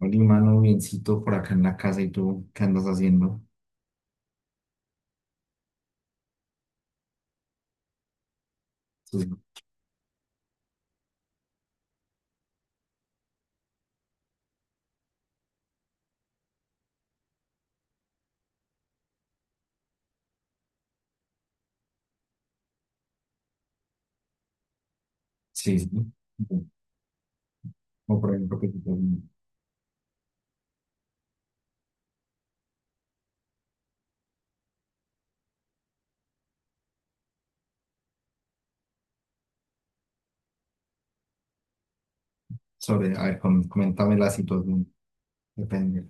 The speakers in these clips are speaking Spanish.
Oli, mano, biencito por acá en la casa y tú, ¿qué andas haciendo? Sí, sí, sí. O por ejemplo, que sobre, a ver, coméntame la situación, depende.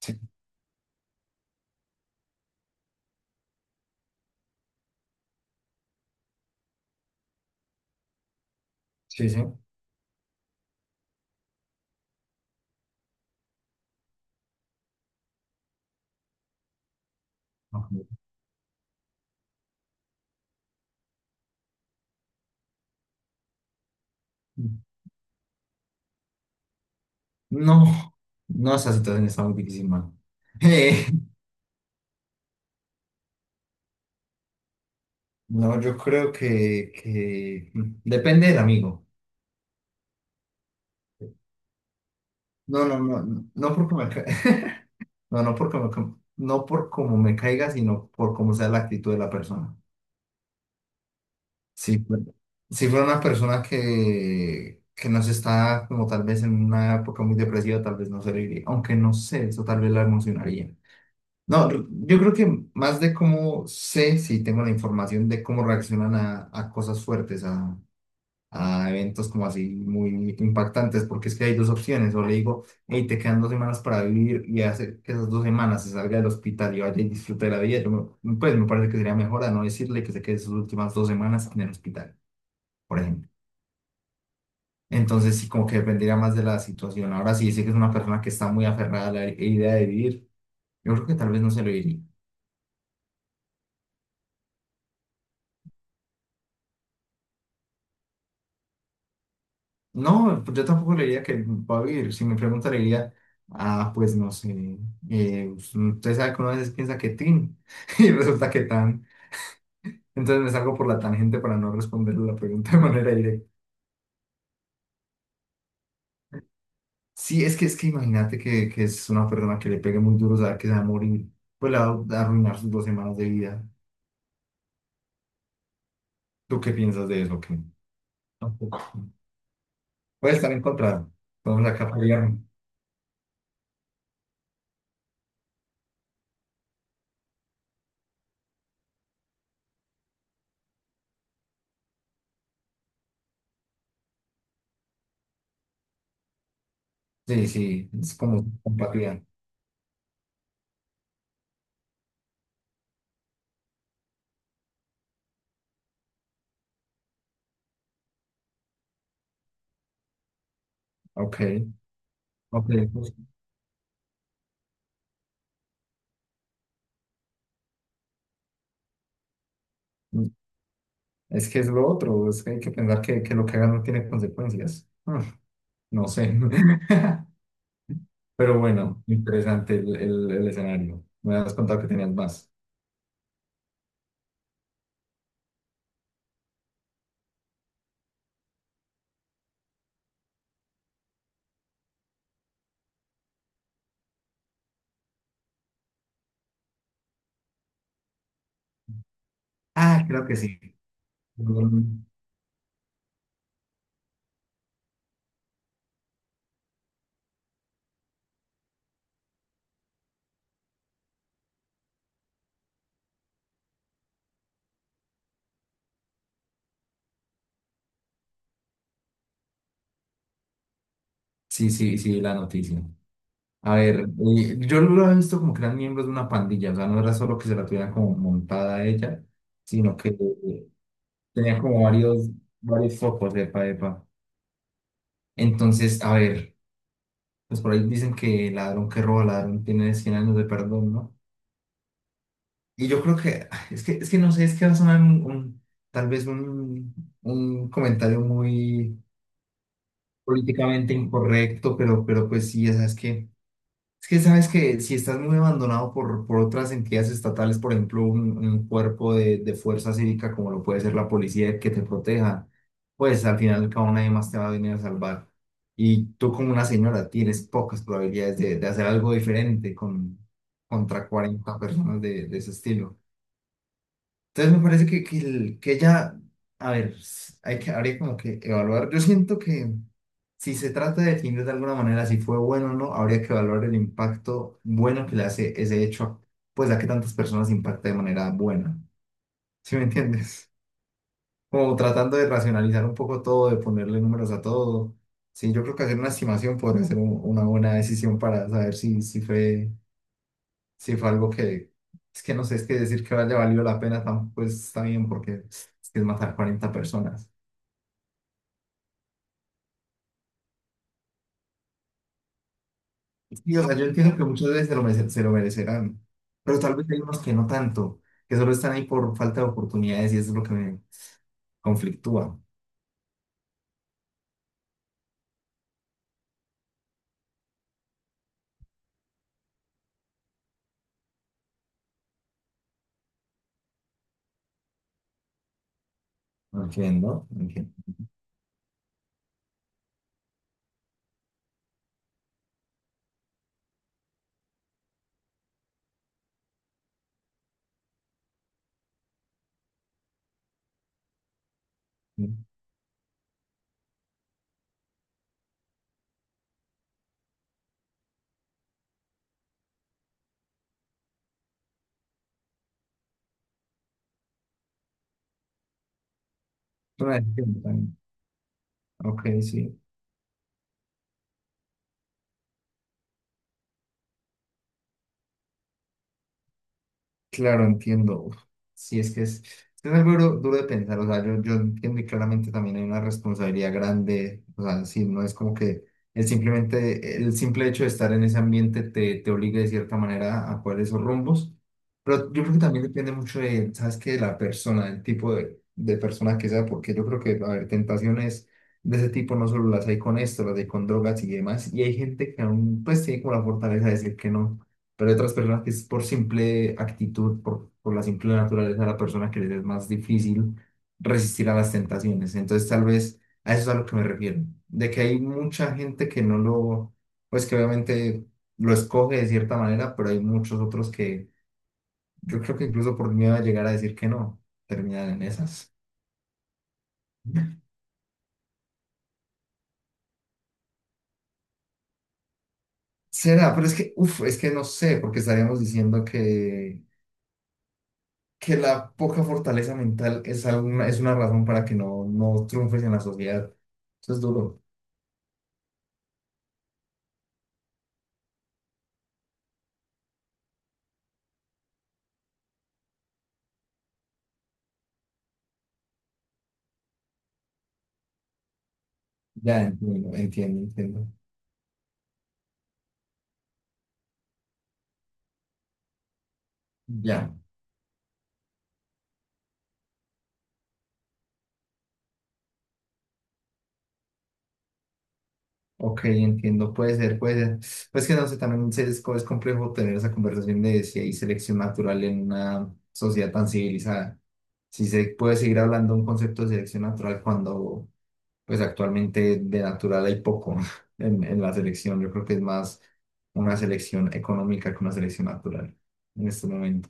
Sí, sí, sí. Ajá. No, no, esa situación está muy difícil, mano. No, yo creo que, depende del amigo. No, no, no, no, no porque no, no porque no por cómo me caiga, sino por cómo sea la actitud de la persona. Sí, sí fue una persona que no se está como tal vez en una época muy depresiva, tal vez no se le iría, aunque no sé, eso tal vez la emocionaría. No, yo creo que más de cómo sé, si tengo la información de cómo reaccionan a, cosas fuertes, a, eventos como así muy impactantes, porque es que hay dos opciones, o le digo, hey, te quedan 2 semanas para vivir y hace que esas 2 semanas se salga del hospital y vaya y disfrute de la vida, yo pues me parece que sería mejor a no decirle que se quede sus últimas 2 semanas en el hospital, por ejemplo. Entonces sí, como que dependería más de la situación. Ahora sí, dice que es una persona que está muy aferrada a la idea de vivir. Yo creo que tal vez no se lo diría. No, pues yo tampoco le diría que va a vivir. Si me pregunta, le diría, ah, pues no sé, usted sabe que una vez piensa que tin y resulta que tan. Entonces me salgo por la tangente para no responderle la pregunta de manera directa. Sí, es que imagínate que es una persona que le pegue muy duro saber que se va a morir, pues le va a arruinar sus 2 semanas de vida. ¿Tú qué piensas de eso? ¿Qué? Tampoco. Puede estar encontrado. Podemos acá apoyarnos. Sí, sí, es como compatibilidad. Ok, ok, pues, mm, es que es lo otro, es que hay que pensar que, lo que hagan no tiene consecuencias. No sé. Pero bueno, interesante el, el escenario. Me has contado que tenías más. Ah, creo que sí. Mm. Sí, sí, sí, la noticia. A ver, yo lo he visto como que eran miembros de una pandilla, o sea, no era solo que se la tuvieran como montada a ella, sino que tenía como varios, focos, epa, epa. Entonces, a ver, pues por ahí dicen que ladrón que roba, ladrón tiene 100 años de perdón, ¿no? Y yo creo que, es que, es que no sé, es que va a sonar tal vez un comentario muy políticamente incorrecto, pero, pues sí, o sea, es que es que sabes que si estás muy abandonado por, otras entidades estatales, por ejemplo, un, cuerpo de, fuerza cívica como lo puede ser la policía que te proteja, pues al final cada nadie más te va a venir a salvar. Y tú como una señora tienes pocas probabilidades de, hacer algo diferente contra 40 personas de, ese estilo. Entonces me parece que, ella, a ver, hay habría como que evaluar. Yo siento que si se trata de definir de alguna manera si fue bueno o no, habría que evaluar el impacto bueno que le hace ese hecho, pues a que tantas personas impacta de manera buena. ¿Sí me entiendes? Como tratando de racionalizar un poco todo, de ponerle números a todo. Sí, yo creo que hacer una estimación podría ser una buena decisión para saber si, fue sí fue algo que, es que no sé, es que decir que haya valido la pena tampoco está bien porque es que es matar 40 personas. Y, o sea, yo entiendo que muchas veces se lo, se lo merecerán, pero tal vez hay unos que no tanto, que solo están ahí por falta de oportunidades y eso es lo que me conflictúa. Entiendo, entiendo. Es una decisión también. Ok, sí. Claro, entiendo. Uf, sí, es que es algo duro, duro de pensar. O sea, yo entiendo y claramente también hay una responsabilidad grande. O sea, sí, no es como que el simplemente, el simple hecho de estar en ese ambiente te, obligue de cierta manera a poder esos rumbos. Pero yo creo que también depende mucho de, ¿sabes qué? De la persona, el tipo de, persona que sea, porque yo creo que, a ver, tentaciones de ese tipo no solo las hay con esto, las hay con drogas y demás. Y hay gente que aún, pues, tiene como la fortaleza de decir que no. Pero hay otras personas que es por simple actitud, por, la simple naturaleza de la persona que les es más difícil resistir a las tentaciones. Entonces, tal vez a eso es a lo que me refiero, de que hay mucha gente que no lo, pues que obviamente lo escoge de cierta manera, pero hay muchos otros que yo creo que incluso por miedo a llegar a decir que no, terminan en esas. Será, pero es que, uff, es que no sé, porque estaríamos diciendo que la poca fortaleza mental es, alguna, es una razón para que no, triunfes en la sociedad. Eso es duro. Ya entiendo, entiendo, entiendo. Ya, ok, entiendo. Puede ser, puede ser. Pues que no sé, también es complejo tener esa conversación de si hay selección natural en una sociedad tan civilizada. Si se puede seguir hablando de un concepto de selección natural cuando, pues actualmente de natural hay poco en, la selección. Yo creo que es más una selección económica que una selección natural en este momento.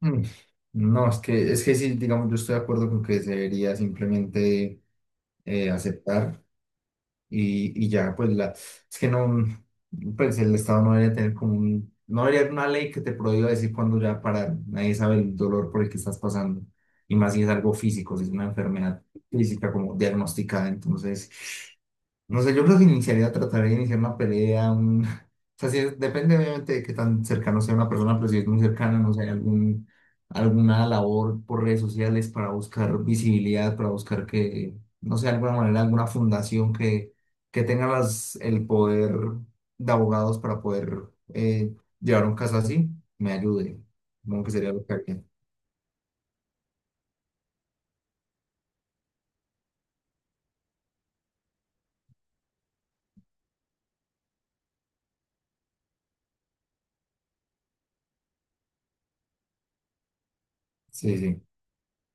Mm. No, es que, sí, digamos, yo estoy de acuerdo con que se debería simplemente aceptar y, ya, pues la, es que no, pues el Estado no debería tener como no debería haber una ley que te prohíba decir cuándo ya parar, nadie sabe el dolor por el que estás pasando, y más si es algo físico, si es una enfermedad física como diagnosticada, entonces no sé, yo creo que iniciaría, trataría de iniciar una pelea, un... O sea, sí, depende obviamente de qué tan cercano sea una persona, pero si es muy cercana, no sé, algún, alguna labor por redes sociales para buscar visibilidad, para buscar que, no sé, de alguna manera, alguna fundación que, tenga las, el poder de abogados para poder eh, llevar un caso así, me ayude. Como que sería lo que haría. Sí, sí.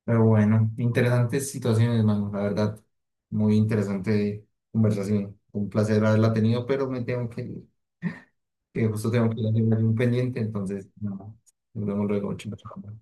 Pero bueno, interesantes situaciones, mano, la verdad. Muy interesante conversación. Un placer haberla tenido, pero me tengo que justo tengo que ir a hacer un pendiente, entonces, nada, nos vemos luego. Chao, chao.